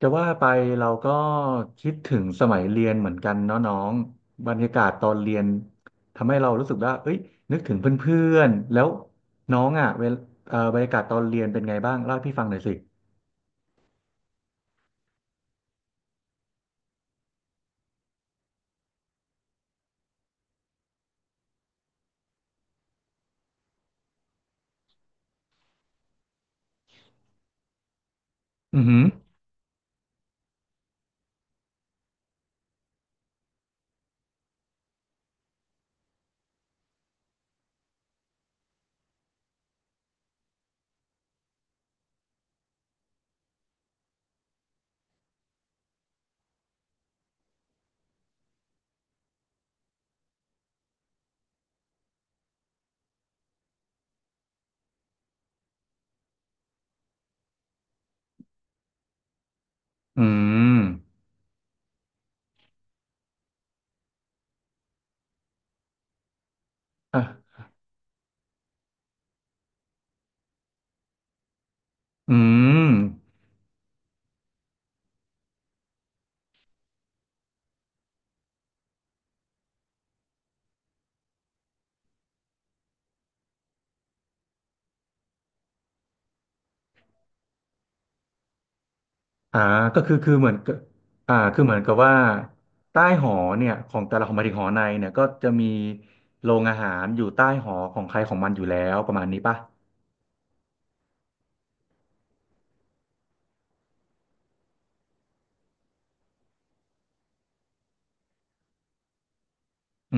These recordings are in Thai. จะว่าไปเราก็คิดถึงสมัยเรียนเหมือนกันเนาะน้องบรรยากาศตอนเรียนทำให้เรารู้สึกว่าเอ้ยนึกถึงเพื่อนๆแล้วน้องอ่ะเวลบรรยากาศตอนเรียนเป็นไงบ้างเล่าให้พี่ฟังหน่อยสิอือหืออืมอ่ะอืมอ่าก็คือเหมือนกับอ่าคือเหมือนกับว่าใต้หอเนี่ยของแต่ละของหมายถึงหอในเนี่ยก็จะมีโรงอาหารอยู่ใต้หอของใครของมันอยู่แล้วประมาณนี้ป่ะ อื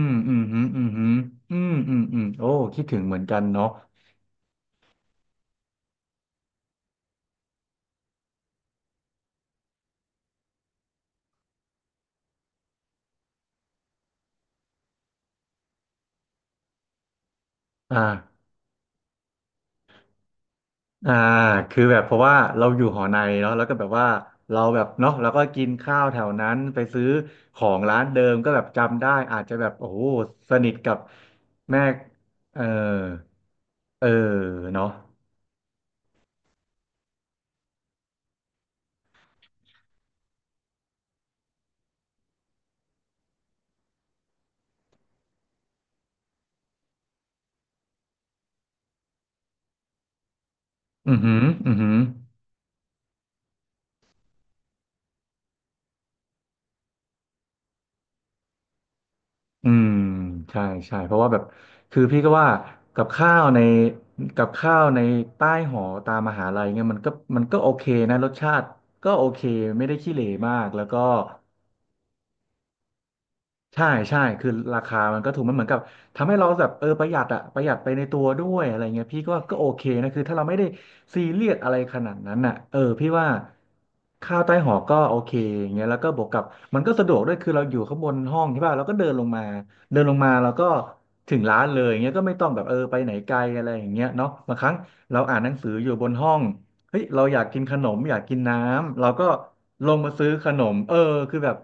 มอืมฮึอืมฮึอืมอืมอืมโอ้คิดถึงเหมือนกันเนาะอ่าอ่าคือแบบเพราะว่าเราอยู่หอในเนาะแล้วก็แบบว่าเราแบบเนาะแล้วก็กินข้าวแถวนั้นไปซื้อของร้านเดิมก็แบบจำได้ อาจจะแบบโอ้โหสนิทกับแม่เออเออเนาะอืมออืม อืมใช่ใช่เพราะว่าแบบคือพี่ก็ว่ากับข้าวในกับข้าวในใต้หอตามมหาลัยเนี่ยมันก็มันก็โอเคนะรสชาติก็โอเคไม่ได้ขี้เหร่มากแล้วก็ ใช่ใช่คือราคามันก็ถูกมันเหมือนกับทำให้เราแบบเออประหยัดอะประหยัดไปในตัวด้วยอะไรเงี้ยพี่ก็โอเคนะคือถ้าเราไม่ได้ซีเรียสอะไรขนาดนั้นอะเออพี่ว่าข้าวใต้หอก็โอเคอย่างเงี้ยแล้วก็บวกกับมันก็สะดวกด้วยคือเราอยู่ข้างบนห้องใช่ป่ะเราก็เดินลงมาเราก็ถึงร้านเลยอย่างเงี้ยก็ไม่ต้องแบบเออไปไหนไกลอะไรอย่างเงี้ยเนาะบางครั้งเราอ่านหนังสืออยู่บนห้อง เฮ้ยเราอยากกินขนมอยากกินน้ำเราก็ลงมาซื้อขนมเออคือแบบ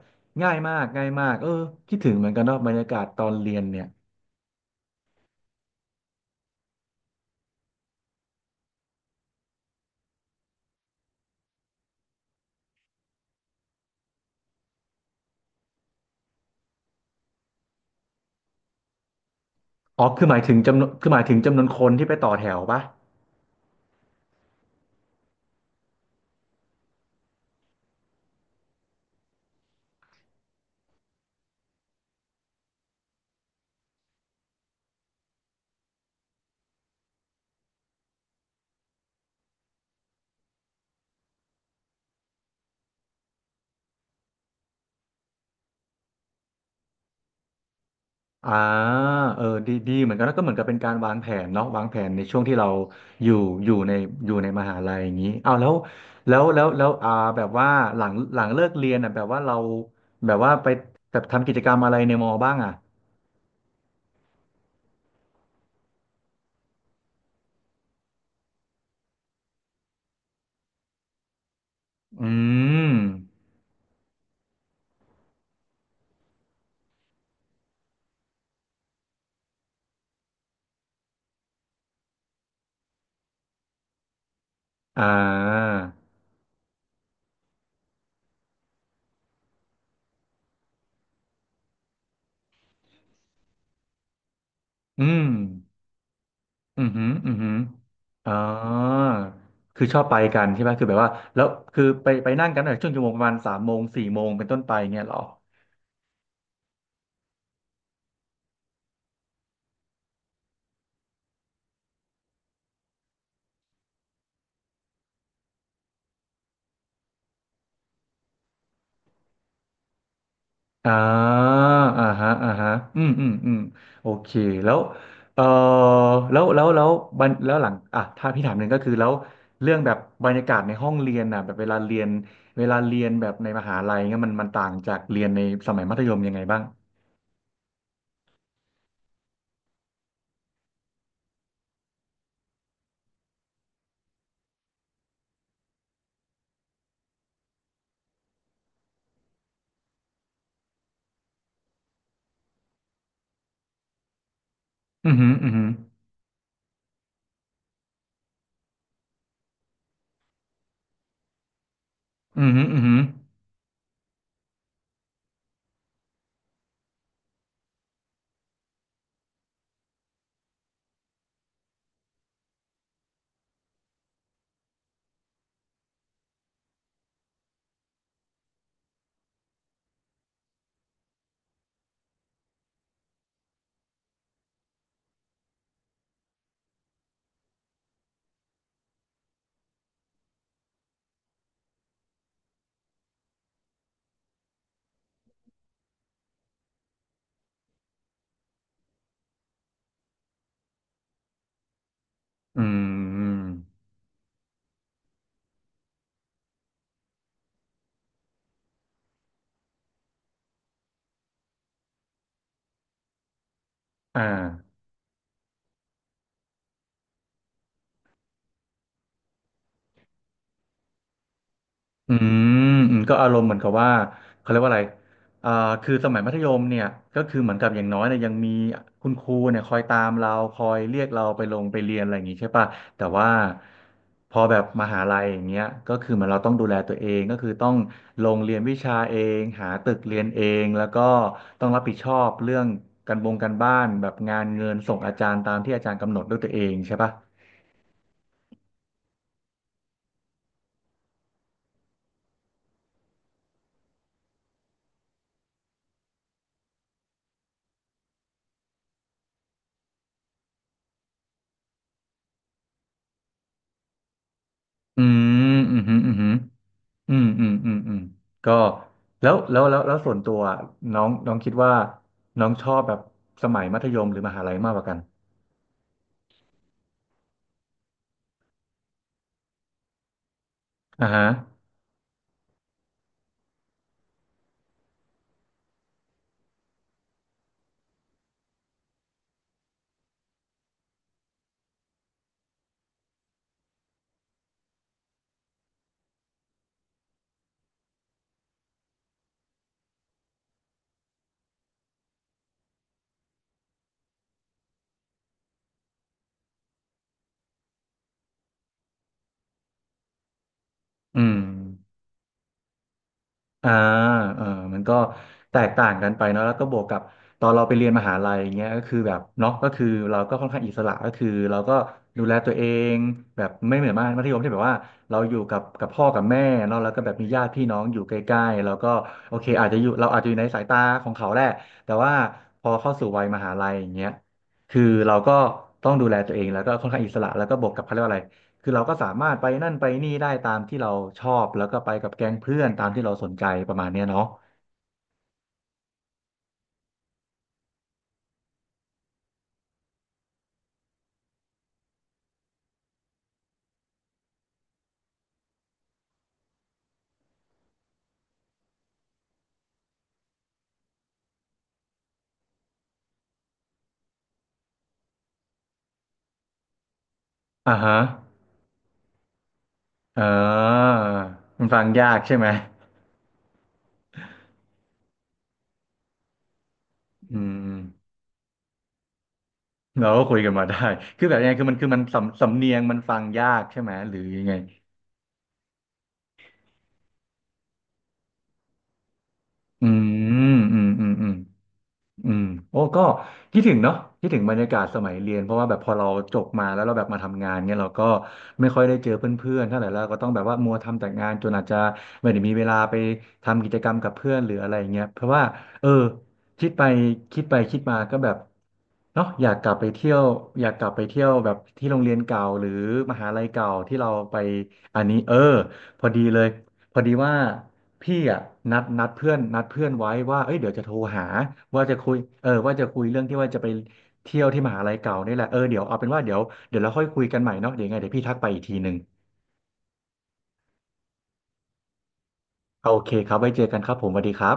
ง่ายมากง่ายมากเออคิดถึงเหมือนกันเนาะบรรยากาศตอนเรียนเนี่ยอ๋อคือหมายถึงจำนวนคือหมายถึงจำนวนคนที่ไปต่อแถวปะอ่าเออดีดีเหมือนกันแล้วก็เหมือนกับเป็นการวางแผนเนาะวางแผนในช่วงที่เราอยู่อยู่ในอยู่ในมหาลัยอย่างนี้เอาวแล้วอ่าแบบว่าหลังเลิกเรียนอ่ะแบบว่าเราแบบว่าไปแบบทำกิจกรรมอะไรในมอบ้างอ่ะอืมอ่า อืม อืมอหืมออืมอหืออ๋อคือชอบไปกันใช่ไหมคือแบบว่าแล้วคือไปไปนั่งกันตั้งแต่ช่วงชั่วโมงประมาณสามโมงสี่โมงเป็นต้นไปเงี้ยเหรออ่าอ่าฮะอ่าฮะอืมอืมอืมโอเคแล้วเออแล้วแล้วแล้วบันแล้วหลังอ่ะถ้าพี่ถามหนึ่งก็คือแล้วเรื่องแบบบรรยากาศในห้องเรียนน่ะแบบเวลาเรียนแบบในมหาลัยเงี้ยมันต่างจากเรียนในสมัยมัธยมยังไงบ้างอืมออือหืออืมอหืออืมอหืออืม อ่าอืมอืมก็อารมณ์เหมือนกับว่าเขาเรียกว่าอะไรอ่าคือสมัยมัธยมเนี่ยก็คือเหมือนกับอย่างน้อยเนี่ยยังมีคุณครูเนี่ยคอยตามเราคอยเรียกเราไปลงไปเรียนอะไรอย่างงี้ใช่ป่ะแต่ว่าพอแบบมหาลัยอย่างเงี้ยก็คือเหมือนเราต้องดูแลตัวเองก็คือต้องลงเรียนวิชาเองหาตึกเรียนเองแล้วก็ต้องรับผิดชอบเรื่องการบงการบ้านแบบงานเงินส่งอาจารย์ตามที่อาจารย์กำหนดด้วยตัวเองใช่ป่ะอืมอืมอืมอืม อืมอืมอืมอืมก็แล้วส่วนตัวน้องน้องคิดว่าน้องชอบแบบสมัยมัธยมหรือมหาลัยมากกว่ากันอ่าฮะอืม อ่าเออมันก็แตกต่างกันไปเนาะแล้วก็บวกกับตอนเราไปเรียนมหาลัยอย่างเงี้ยก็คือแบบเนาะก็คือเราก็ค่อนข้างอิสระก็คือเราก็ดูแลตัวเองแบบไม่เหมือนมากมัธยมที่แบบว่าเราอยู่กับกับพ่อกับแม่เนาะแล้วก็แบบมีญาติพี่น้องอยู่ใกล้ๆแล้วก็โอเคอาจจะอยู่เราอาจจะอยู่ในสายตาของเขาแหละแต่ว่าพอเข้าสู่วัยมหาลัยอย่างเงี้ยคือเราก็ต้องดูแลตัวเองแล้วก็ค่อนข้างอิสระแล้วก็บวกกับเขาเรียกว่าอะไร คือเราก็สามารถไปนั่นไปนี่ได้ตามที่เราชอบแล้วก็ไปกับแก๊งเพื่อนตามที่เราสนใจประมาณเนี้ยเนาะอ่าฮะเออมันฟังยากใช่ไหมอืมเราก็คุยกันมาได้คือแบบยังไงคือมันคือมันสำเนียงมันฟังยากใช่ไหมหรือยังไงอืมอืมอืมอืม อืมโอ้ก็คิดถึงเนาะคิดถึงบรรยากาศสมัยเรียนเพราะว่าแบบพอเราจบมาแล้วเราแบบมาทำงานเนี่ยเราก็ไม่ค่อยได้เจอเพื่อนๆเท่าไหร่แล้วก็ต้องแบบว่ามัวทำแต่งานจนอาจจะไม่ได้มีเวลาไปทำกิจกรรมกับเพื่อนหรืออะไรอย่างเงี้ยเพราะว่าเออคิดไปคิดไปคิดมาก็แบบเนาะอยากกลับไปเที่ยวอยากกลับไปเที่ยวแบบที่โรงเรียนเก่าหรือมหาลัยเก่าที่เราไปอันนี้เออพอดีเลยพอดีว่า พี่อ่ะนัดเพื่อนไว้ว่าเอ้ยเดี๋ยวจะโทรหาว่าจะคุยเออว่าจะคุยเรื่องที่ว่าจะไปเที่ยวที่มหาลัยเก่านี่แหละเออเดี๋ยวเอาเป็นว่าเดี๋ยวเราค่อยคุยกันใหม่เนาะเดี๋ยวยังไงเดี๋ยวพี่ทักไปอีกทีหนึ่งโอเคครับไว้เจอกันครับผมสวัสดีครับ